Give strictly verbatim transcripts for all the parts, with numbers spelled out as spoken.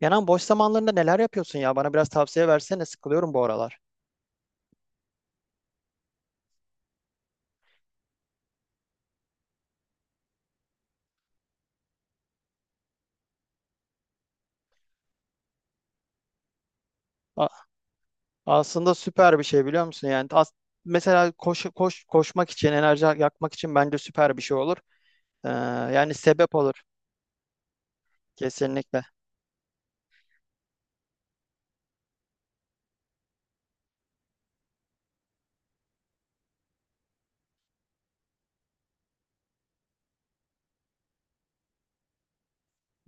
Kenan boş zamanlarında neler yapıyorsun ya? Bana biraz tavsiye versene. Sıkılıyorum bu aralar. A- aslında süper bir şey biliyor musun? Yani as- mesela koş, koş, koşmak için, enerji yakmak için bence süper bir şey olur. Ee, yani sebep olur. Kesinlikle.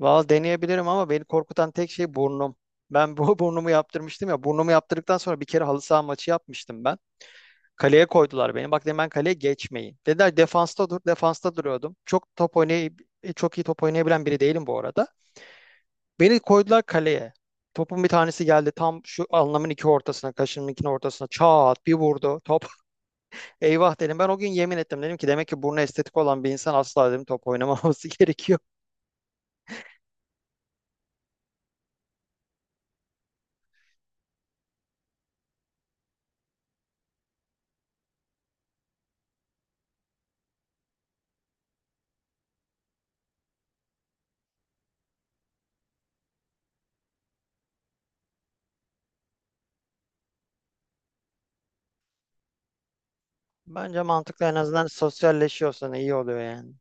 Valla deneyebilirim ama beni korkutan tek şey burnum. Ben bu burnumu yaptırmıştım ya. Burnumu yaptırdıktan sonra bir kere halı saha maçı yapmıştım ben. Kaleye koydular beni. Bak dedim ben kaleye geçmeyin. Dediler defansta dur. Defansta duruyordum. Çok top oynay çok iyi top oynayabilen biri değilim bu arada. Beni koydular kaleye. Topun bir tanesi geldi tam şu alnımın iki ortasına, kaşımın iki ortasına çat bir vurdu top. Eyvah dedim. Ben o gün yemin ettim. Dedim ki demek ki burnu estetik olan bir insan asla dedim top oynamaması gerekiyor. Bence mantıklı, en azından sosyalleşiyorsan iyi oluyor yani.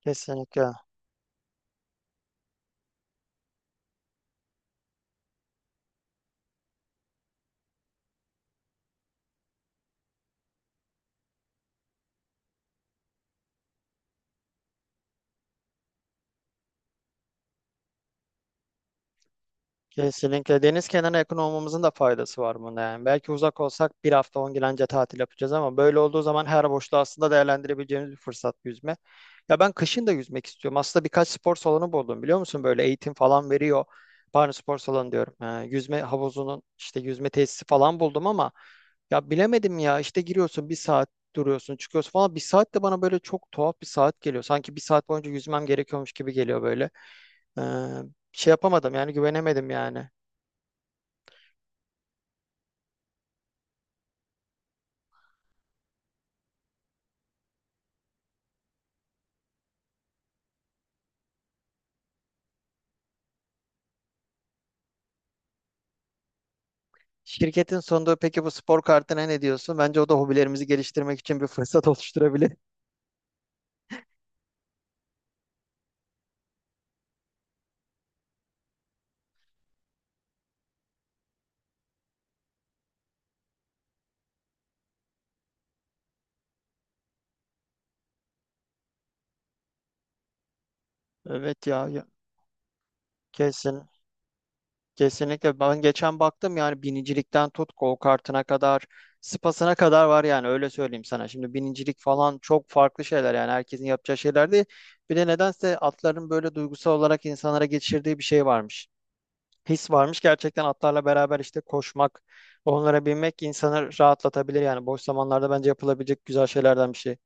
Kesinlikle. Kesinlikle. Deniz kenarına yakın olmamızın da faydası var bunda yani. Belki uzak olsak bir hafta on gün anca tatil yapacağız, ama böyle olduğu zaman her boşluğu aslında değerlendirebileceğimiz bir fırsat yüzme. Ya ben kışın da yüzmek istiyorum. Aslında birkaç spor salonu buldum, biliyor musun? Böyle eğitim falan veriyor. Pardon, spor salonu diyorum. Ha, yüzme havuzunun işte yüzme tesisi falan buldum ama ya bilemedim, ya işte giriyorsun bir saat, duruyorsun çıkıyorsun falan. Bir saat de bana böyle çok tuhaf bir saat geliyor. Sanki bir saat boyunca yüzmem gerekiyormuş gibi geliyor böyle. Ee, şey yapamadım yani, güvenemedim yani. Şirketin sonunda peki bu spor kartına ne diyorsun? Bence o da hobilerimizi geliştirmek için bir fırsat oluşturabilir. Evet ya, ya kesin. Kesinlikle, ben geçen baktım, yani binicilikten tut, go kartına kadar, spasına kadar var yani, öyle söyleyeyim sana. Şimdi binicilik falan çok farklı şeyler, yani herkesin yapacağı şeyler değil. Bir de nedense atların böyle duygusal olarak insanlara geçirdiği bir şey varmış. His varmış gerçekten, atlarla beraber işte koşmak, onlara binmek insanı rahatlatabilir yani, boş zamanlarda bence yapılabilecek güzel şeylerden bir şey.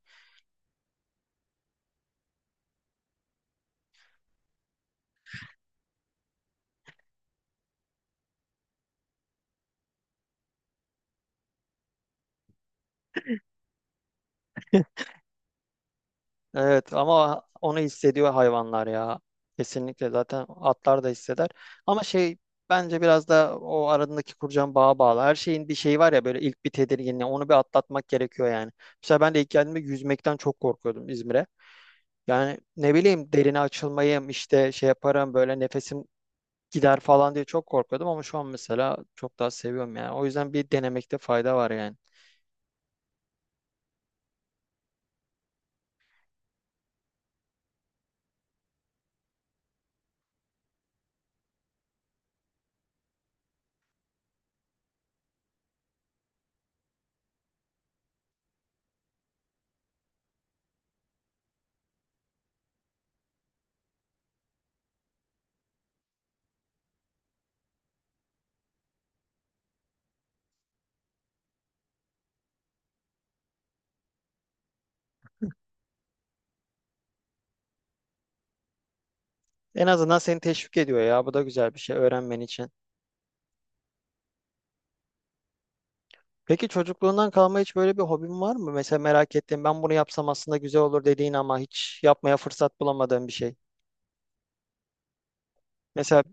Evet ama onu hissediyor hayvanlar ya. Kesinlikle, zaten atlar da hisseder. Ama şey, bence biraz da o aradaki kuracağım bağa bağlı. Her şeyin bir şeyi var ya, böyle ilk bir tedirginliği onu bir atlatmak gerekiyor yani. Mesela ben de ilk geldiğimde yüzmekten çok korkuyordum İzmir'e. Yani ne bileyim, derine açılmayayım işte, şey yaparım böyle, nefesim gider falan diye çok korkuyordum, ama şu an mesela çok daha seviyorum yani. O yüzden bir denemekte fayda var yani. En azından seni teşvik ediyor ya. Bu da güzel bir şey öğrenmen için. Peki çocukluğundan kalma hiç böyle bir hobin var mı? Mesela merak ettiğin, ben bunu yapsam aslında güzel olur dediğin ama hiç yapmaya fırsat bulamadığın bir şey. Mesela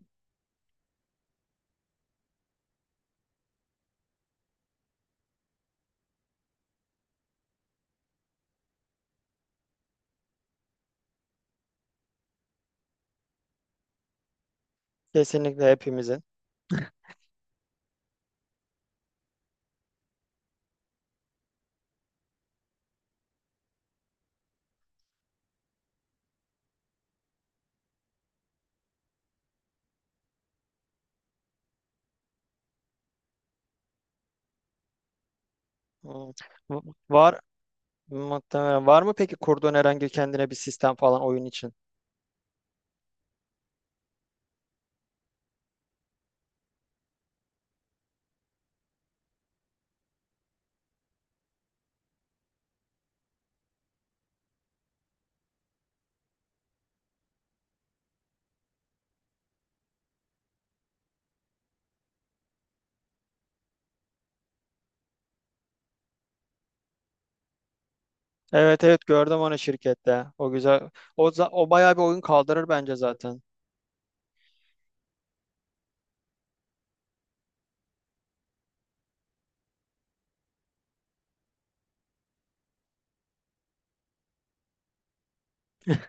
kesinlikle hepimizin. Hmm. V- Var muhtemelen. Var mı peki kurduğun herhangi kendine bir sistem falan oyun için? Evet, evet, gördüm onu şirkette. O güzel. O, za- o bayağı bir oyun kaldırır bence zaten.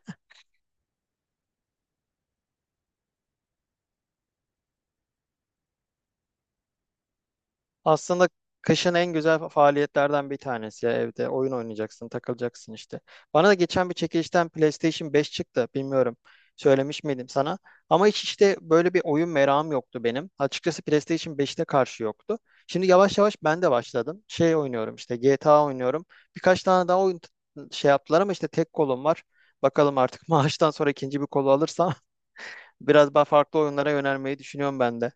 Aslında kışın en güzel faaliyetlerden bir tanesi ya, evde oyun oynayacaksın, takılacaksın işte. Bana da geçen bir çekilişten PlayStation beş çıktı. Bilmiyorum söylemiş miydim sana. Ama hiç işte böyle bir oyun merakım yoktu benim. Açıkçası PlayStation beşte karşı yoktu. Şimdi yavaş yavaş ben de başladım. Şey oynuyorum, işte G T A oynuyorum. Birkaç tane daha oyun t- şey yaptılar ama işte tek kolum var. Bakalım artık maaştan sonra ikinci bir kolu alırsam biraz daha farklı oyunlara yönelmeyi düşünüyorum ben de.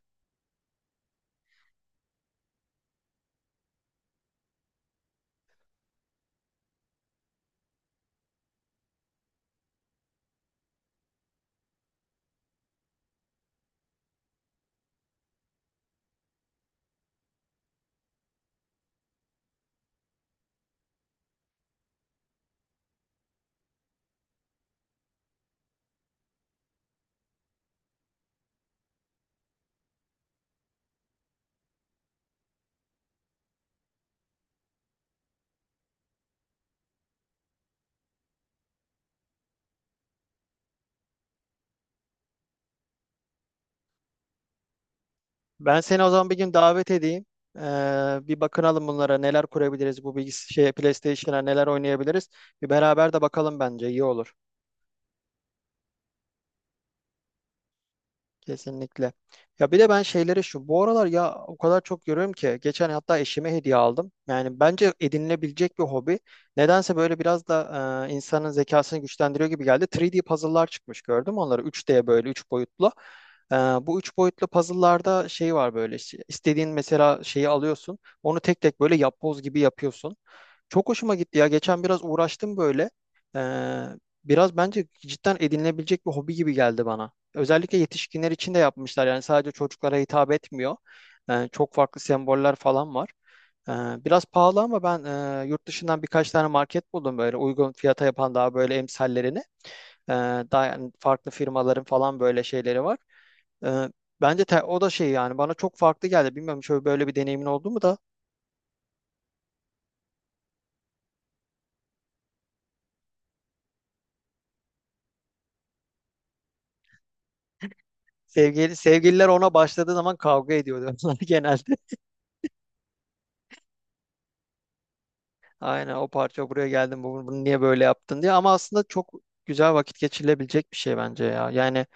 Ben seni o zaman bir gün davet edeyim. Ee, bir bakınalım bunlara, neler kurabiliriz bu bilgis şey PlayStation'a, neler oynayabiliriz. Bir beraber de bakalım, bence iyi olur. Kesinlikle. Ya bir de ben şeyleri şu bu aralar ya o kadar çok görüyorum ki, geçen hatta eşime hediye aldım. Yani bence edinilebilecek bir hobi. Nedense böyle biraz da e, insanın zekasını güçlendiriyor gibi geldi. three D puzzle'lar çıkmış, gördüm onları, three D, böyle üç boyutlu. E, bu üç boyutlu puzzle'larda şey var, böyle işte istediğin mesela şeyi alıyorsun. Onu tek tek böyle yapboz gibi yapıyorsun. Çok hoşuma gitti ya. Geçen biraz uğraştım böyle. Ee, biraz bence cidden edinilebilecek bir hobi gibi geldi bana. Özellikle yetişkinler için de yapmışlar. Yani sadece çocuklara hitap etmiyor. Ee, çok farklı semboller falan var. Ee, biraz pahalı ama ben e, yurt dışından birkaç tane market buldum, böyle uygun fiyata yapan, daha böyle emsallerini. Ee, daha yani farklı firmaların falan böyle şeyleri var. Ee, bence te- o da şey yani, bana çok farklı geldi. Bilmiyorum, şöyle böyle bir deneyimin oldu mu da. Sevgili, sevgililer ona başladığı zaman kavga ediyordu onlar genelde. Aynen, o parça buraya geldim, bunu, bunu niye böyle yaptın diye, ama aslında çok güzel vakit geçirilebilecek bir şey bence ya. Yani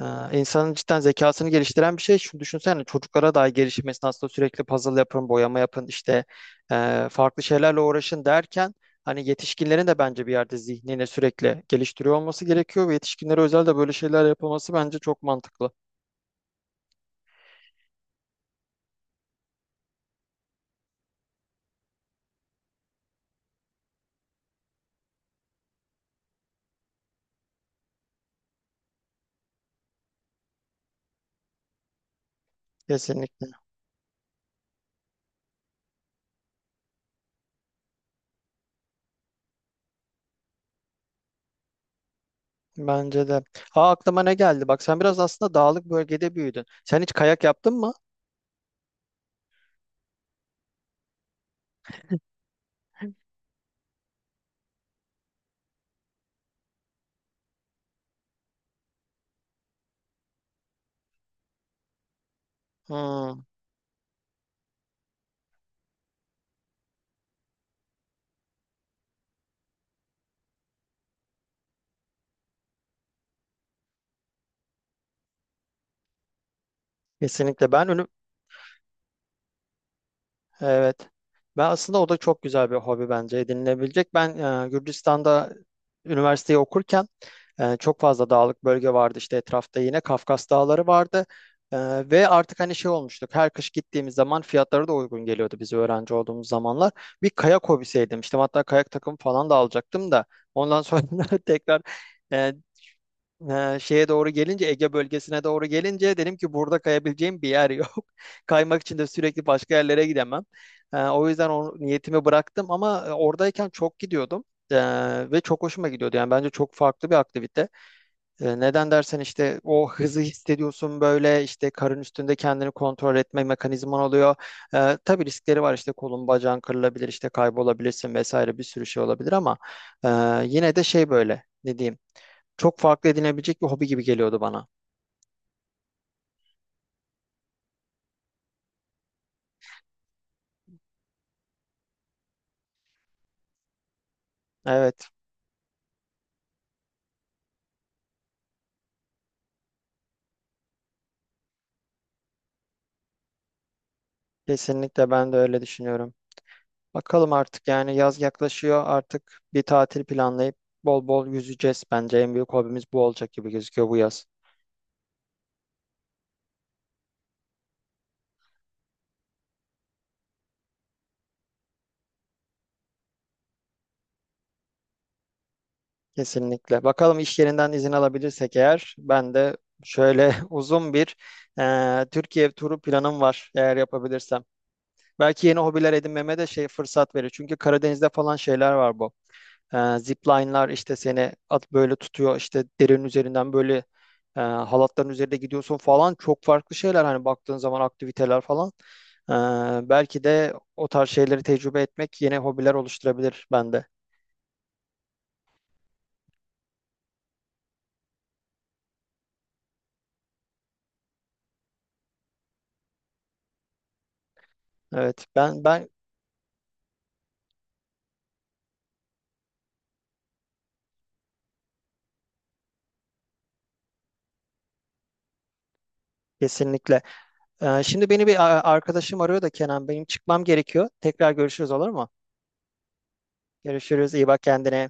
e, insanın cidden zekasını geliştiren bir şey. Şunu düşünsene, çocuklara dahi gelişim esnasında sürekli puzzle yapın, boyama yapın, işte e, farklı şeylerle uğraşın derken, hani yetişkinlerin de bence bir yerde zihnini sürekli geliştiriyor olması gerekiyor ve yetişkinlere özel de böyle şeyler yapılması bence çok mantıklı. Kesinlikle. Bence de. Ha, aklıma ne geldi? Bak sen biraz aslında dağlık bölgede büyüdün. Sen hiç kayak yaptın mı? Hmm, kesinlikle. Ben önüm, evet. Ben aslında o da çok güzel bir hobi bence edinilebilecek. Ben e, Gürcistan'da üniversiteyi okurken e, çok fazla dağlık bölge vardı işte etrafta, yine Kafkas Dağları vardı. E, ve artık hani şey olmuştuk. Her kış gittiğimiz zaman fiyatları da uygun geliyordu, biz öğrenci olduğumuz zamanlar. Bir kayak hobisi edinmiştim. Hatta kayak takımı falan da alacaktım da, ondan sonra tekrar e, Ee, şeye doğru gelince Ege bölgesine doğru gelince dedim ki, burada kayabileceğim bir yer yok. Kaymak için de sürekli başka yerlere gidemem. Ee, o yüzden o niyetimi bıraktım, ama e, oradayken çok gidiyordum. Ee, ve çok hoşuma gidiyordu. Yani bence çok farklı bir aktivite. Ee, neden dersen, işte o hızı hissediyorsun böyle, işte karın üstünde kendini kontrol etme mekanizman oluyor. Ee, tabii riskleri var, işte kolun bacağın kırılabilir, işte kaybolabilirsin vesaire, bir sürü şey olabilir, ama e, yine de şey, böyle ne diyeyim, çok farklı edinebilecek bir hobi gibi geliyordu bana. Evet, kesinlikle ben de öyle düşünüyorum. Bakalım artık yani, yaz yaklaşıyor, artık bir tatil planlayıp bol bol yüzeceğiz. Bence en büyük hobimiz bu olacak gibi gözüküyor bu yaz. Kesinlikle. Bakalım iş yerinden izin alabilirsek eğer, ben de şöyle uzun bir eee, Türkiye turu planım var eğer yapabilirsem. Belki yeni hobiler edinmeme de şey fırsat verir. Çünkü Karadeniz'de falan şeyler var bu. E, zipline'lar işte seni at böyle tutuyor, işte derenin üzerinden böyle e, halatların üzerinde gidiyorsun falan, çok farklı şeyler hani baktığın zaman, aktiviteler falan. E, belki de o tarz şeyleri tecrübe etmek yeni hobiler oluşturabilir bende. Evet, ben ben kesinlikle. E, şimdi beni bir a- arkadaşım arıyor da, Kenan benim çıkmam gerekiyor. Tekrar görüşürüz, olur mu? Görüşürüz, iyi bak kendine.